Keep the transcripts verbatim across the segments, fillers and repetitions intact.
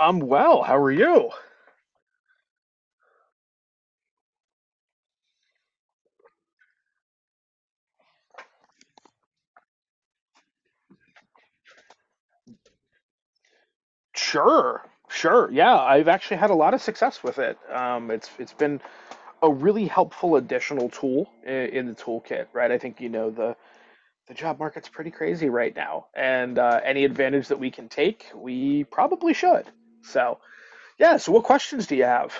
I'm well. How are you? Sure. Sure, yeah, I've actually had a lot of success with it. Um, it's it's been a really helpful additional tool in, in the toolkit, right? I think you know the the job market's pretty crazy right now, and uh, any advantage that we can take, we probably should. So, yeah. So, what questions do you have?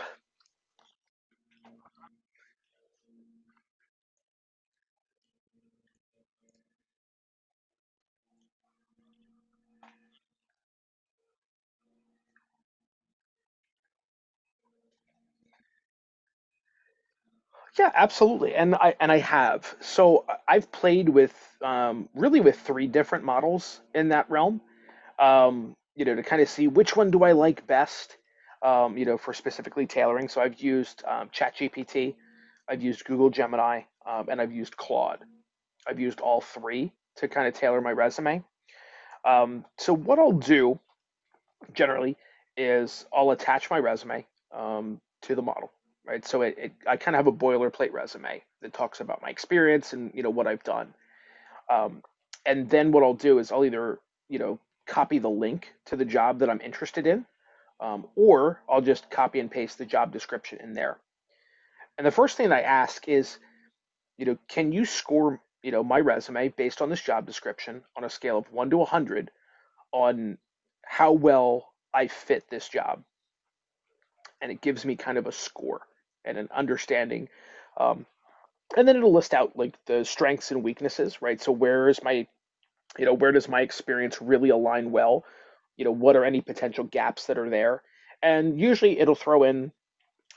Yeah, absolutely. And I and I have. So I- I've played with um, really with three different models in that realm. Um, you know, to kind of see which one do I like best, um, you know, for specifically tailoring. So I've used um, ChatGPT, I've used Google Gemini, um, and I've used Claude. I've used all three to kind of tailor my resume. Um, so what I'll do generally is I'll attach my resume um, to the model, right? So it, it I kind of have a boilerplate resume that talks about my experience and you know what I've done. Um, and then what I'll do is I'll either, you know, copy the link to the job that I'm interested in, um, or I'll just copy and paste the job description in there. And the first thing I ask is, you know, can you score, you know, my resume based on this job description on a scale of one to one hundred on how well I fit this job? And it gives me kind of a score and an understanding. Um, and then it'll list out like the strengths and weaknesses, right? So where is my you know, where does my experience really align well? You know, what are any potential gaps that are there? And usually it'll throw in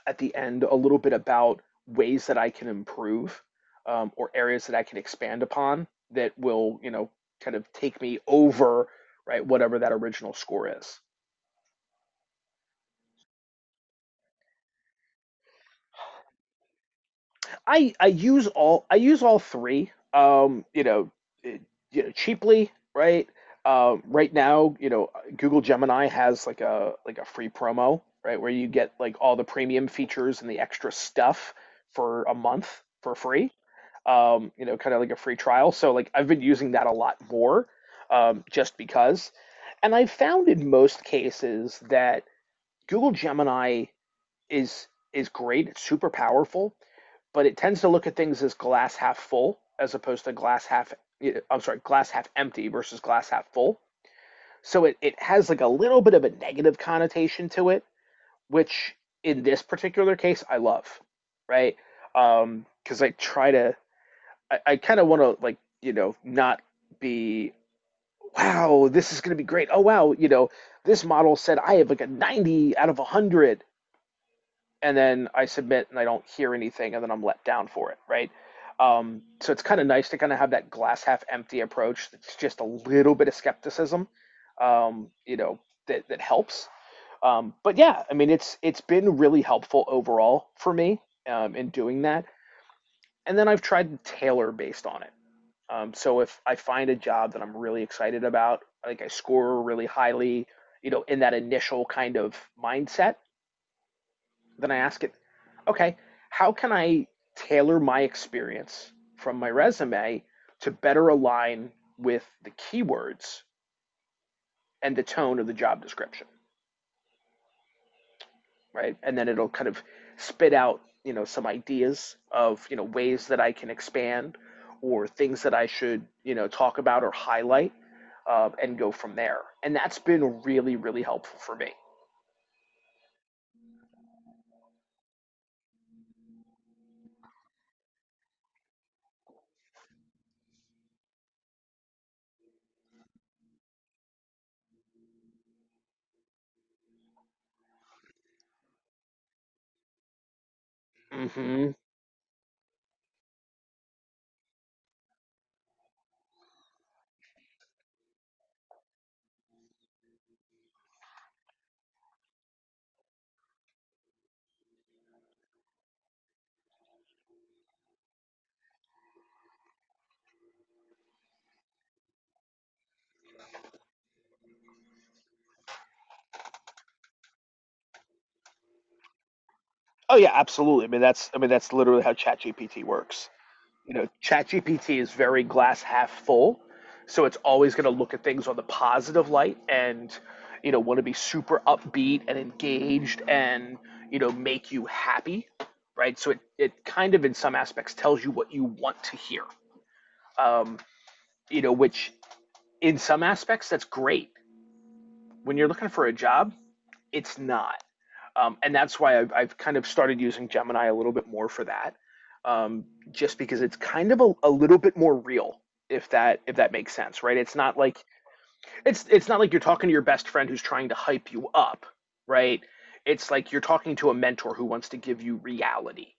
at the end a little bit about ways that I can improve, um, or areas that I can expand upon that will, you know, kind of take me over, right, whatever that original score is. I I use all I use all three. Um, you know, it, you know, cheaply, right? Um, right now, you know, Google Gemini has like a like a free promo, right, where you get like all the premium features and the extra stuff for a month for free. Um, you know, kind of like a free trial. So like I've been using that a lot more, um, just because. And I've found in most cases that Google Gemini is is great. It's super powerful, but it tends to look at things as glass half full as opposed to glass half, yeah, I'm sorry, glass half empty versus glass half full. So it, it has like a little bit of a negative connotation to it, which in this particular case I love, right? Um, because I try to I, I kind of want to, like, you know, not be, wow, this is going to be great, oh wow, you know, this model said I have like a ninety out of one hundred, and then I submit and I don't hear anything, and then I'm let down for it, right? Um, so it's kind of nice to kind of have that glass half empty approach. It's just a little bit of skepticism, um, you know, that that helps. Um, but yeah, I mean, it's it's been really helpful overall for me um, in doing that. And then I've tried to tailor based on it. Um, so if I find a job that I'm really excited about, like I score really highly, you know, in that initial kind of mindset, then I ask it, okay, how can I tailor my experience from my resume to better align with the keywords and the tone of the job description, right? And then it'll kind of spit out, you know, some ideas of, you know, ways that I can expand or things that I should, you know, talk about or highlight, uh, and go from there. And that's been really, really helpful for me. Hmm. Oh yeah, absolutely. I mean that's I mean that's literally how ChatGPT works. You know, ChatGPT is very glass half full, so it's always going to look at things on the positive light and, you know, want to be super upbeat and engaged and, you know, make you happy, right? So it, it kind of, in some aspects, tells you what you want to hear, um, you know, which in some aspects, that's great. When you're looking for a job, it's not. Um, and that's why I've, I've kind of started using Gemini a little bit more for that, um, just because it's kind of a, a little bit more real, if that if that makes sense, right? It's not like, it's it's not like you're talking to your best friend who's trying to hype you up, right? It's like you're talking to a mentor who wants to give you reality,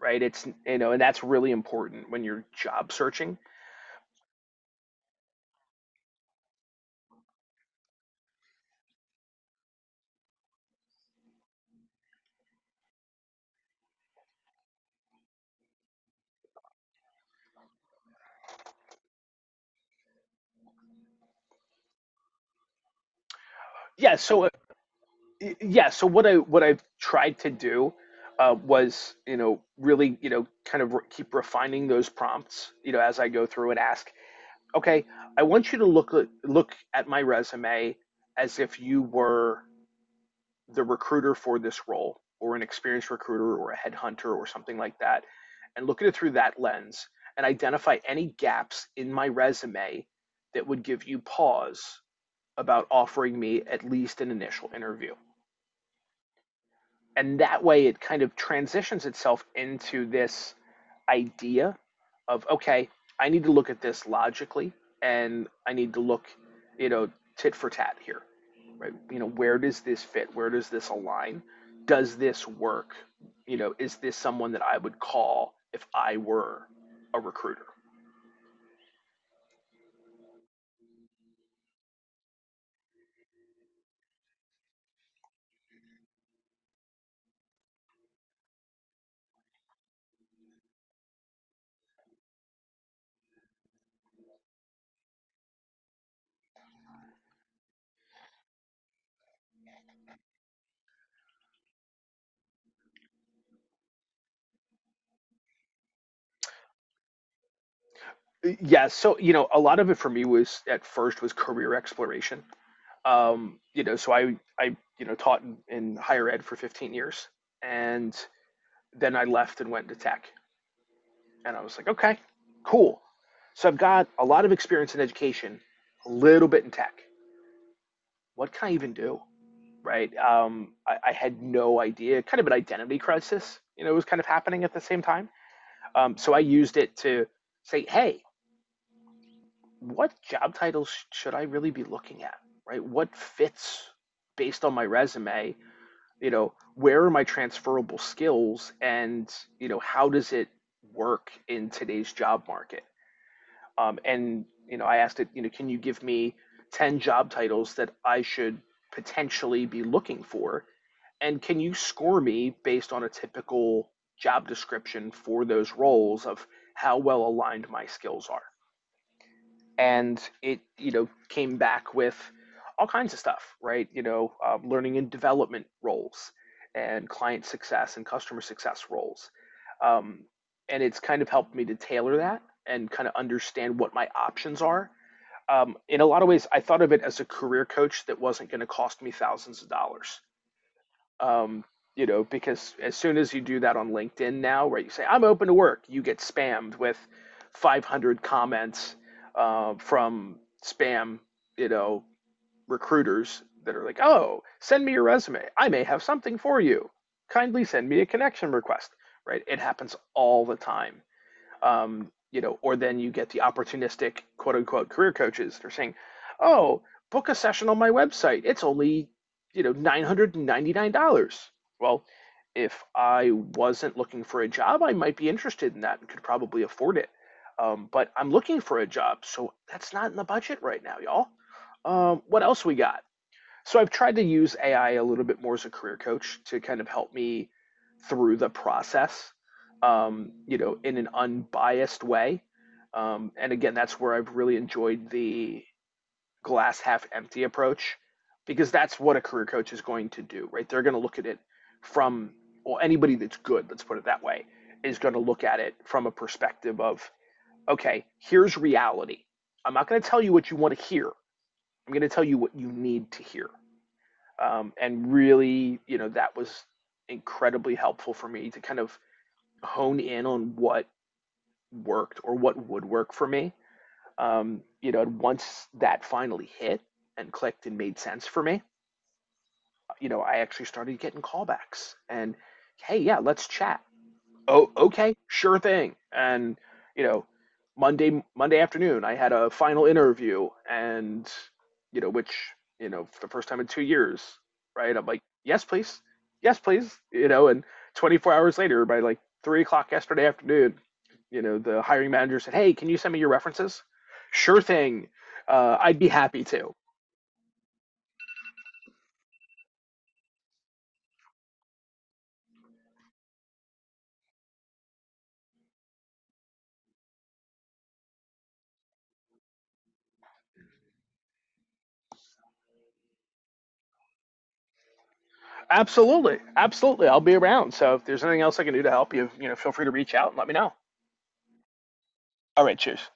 right? It's, you know, and that's really important when you're job searching. Yeah, so yeah, so what i what i've tried to do, uh, was, you know, really, you know, kind of re- keep refining those prompts, you know, as I go through and ask, okay, I want you to look at, look at my resume as if you were the recruiter for this role or an experienced recruiter or a headhunter or something like that and look at it through that lens and identify any gaps in my resume that would give you pause about offering me at least an initial interview. And that way it kind of transitions itself into this idea of, okay, I need to look at this logically, and I need to look, you know, tit for tat here, right? You know, where does this fit, where does this align, does this work? You know, is this someone that I would call if I were a recruiter? Yeah, so you know, a lot of it for me was at first was career exploration. Um, you know, so I, I, you know, taught in, in higher ed for fifteen years, and then I left and went to tech, and I was like, okay, cool. So I've got a lot of experience in education, a little bit in tech. What can I even do? Right? Um, I, I had no idea. Kind of an identity crisis, you know, was kind of happening at the same time. Um, so I used it to say, hey, what job titles should I really be looking at? Right? What fits based on my resume? You know, where are my transferable skills, and you know, how does it work in today's job market? Um, and you know, I asked it, you know, can you give me ten job titles that I should potentially be looking for, and can you score me based on a typical job description for those roles of how well aligned my skills are? And it, you know, came back with all kinds of stuff, right? You know, um, learning and development roles and client success and customer success roles. um, and it's kind of helped me to tailor that and kind of understand what my options are, um, in a lot of ways. I thought of it as a career coach that wasn't going to cost me thousands of dollars, um, you know, because as soon as you do that on LinkedIn now, where you say I'm open to work, you get spammed with five hundred comments, uh, from spam, you know, recruiters that are like, "Oh, send me your resume. I may have something for you. Kindly send me a connection request." Right? It happens all the time. Um, you know, or then you get the opportunistic quote unquote career coaches. They're saying, oh, book a session on my website. It's only, you know, nine hundred ninety-nine dollars. Well, if I wasn't looking for a job, I might be interested in that and could probably afford it. Um, but I'm looking for a job, so that's not in the budget right now, y'all. Um, what else we got? So I've tried to use A I a little bit more as a career coach to kind of help me through the process, um, you know, in an unbiased way. Um, and again, that's where I've really enjoyed the glass half empty approach, because that's what a career coach is going to do, right? They're going to look at it from, well, anybody that's good, let's put it that way, is going to look at it from a perspective of, okay, here's reality. I'm not going to tell you what you want to hear. I'm going to tell you what you need to hear. Um, and really, you know, that was incredibly helpful for me to kind of hone in on what worked or what would work for me. Um, you know, and once that finally hit and clicked and made sense for me, you know, I actually started getting callbacks and, hey yeah, let's chat, oh okay, sure thing. And you know, monday monday afternoon I had a final interview, and you know, which, you know, for the first time in two years, right, I'm like, yes please, yes please, you know. And twenty-four hours later, by like three o'clock yesterday afternoon, you know, the hiring manager said, hey, can you send me your references? Sure thing, uh, I'd be happy to. Absolutely, absolutely, I'll be around, so if there's anything else I can do to help you, you know, feel free to reach out and let me know. All right, cheers.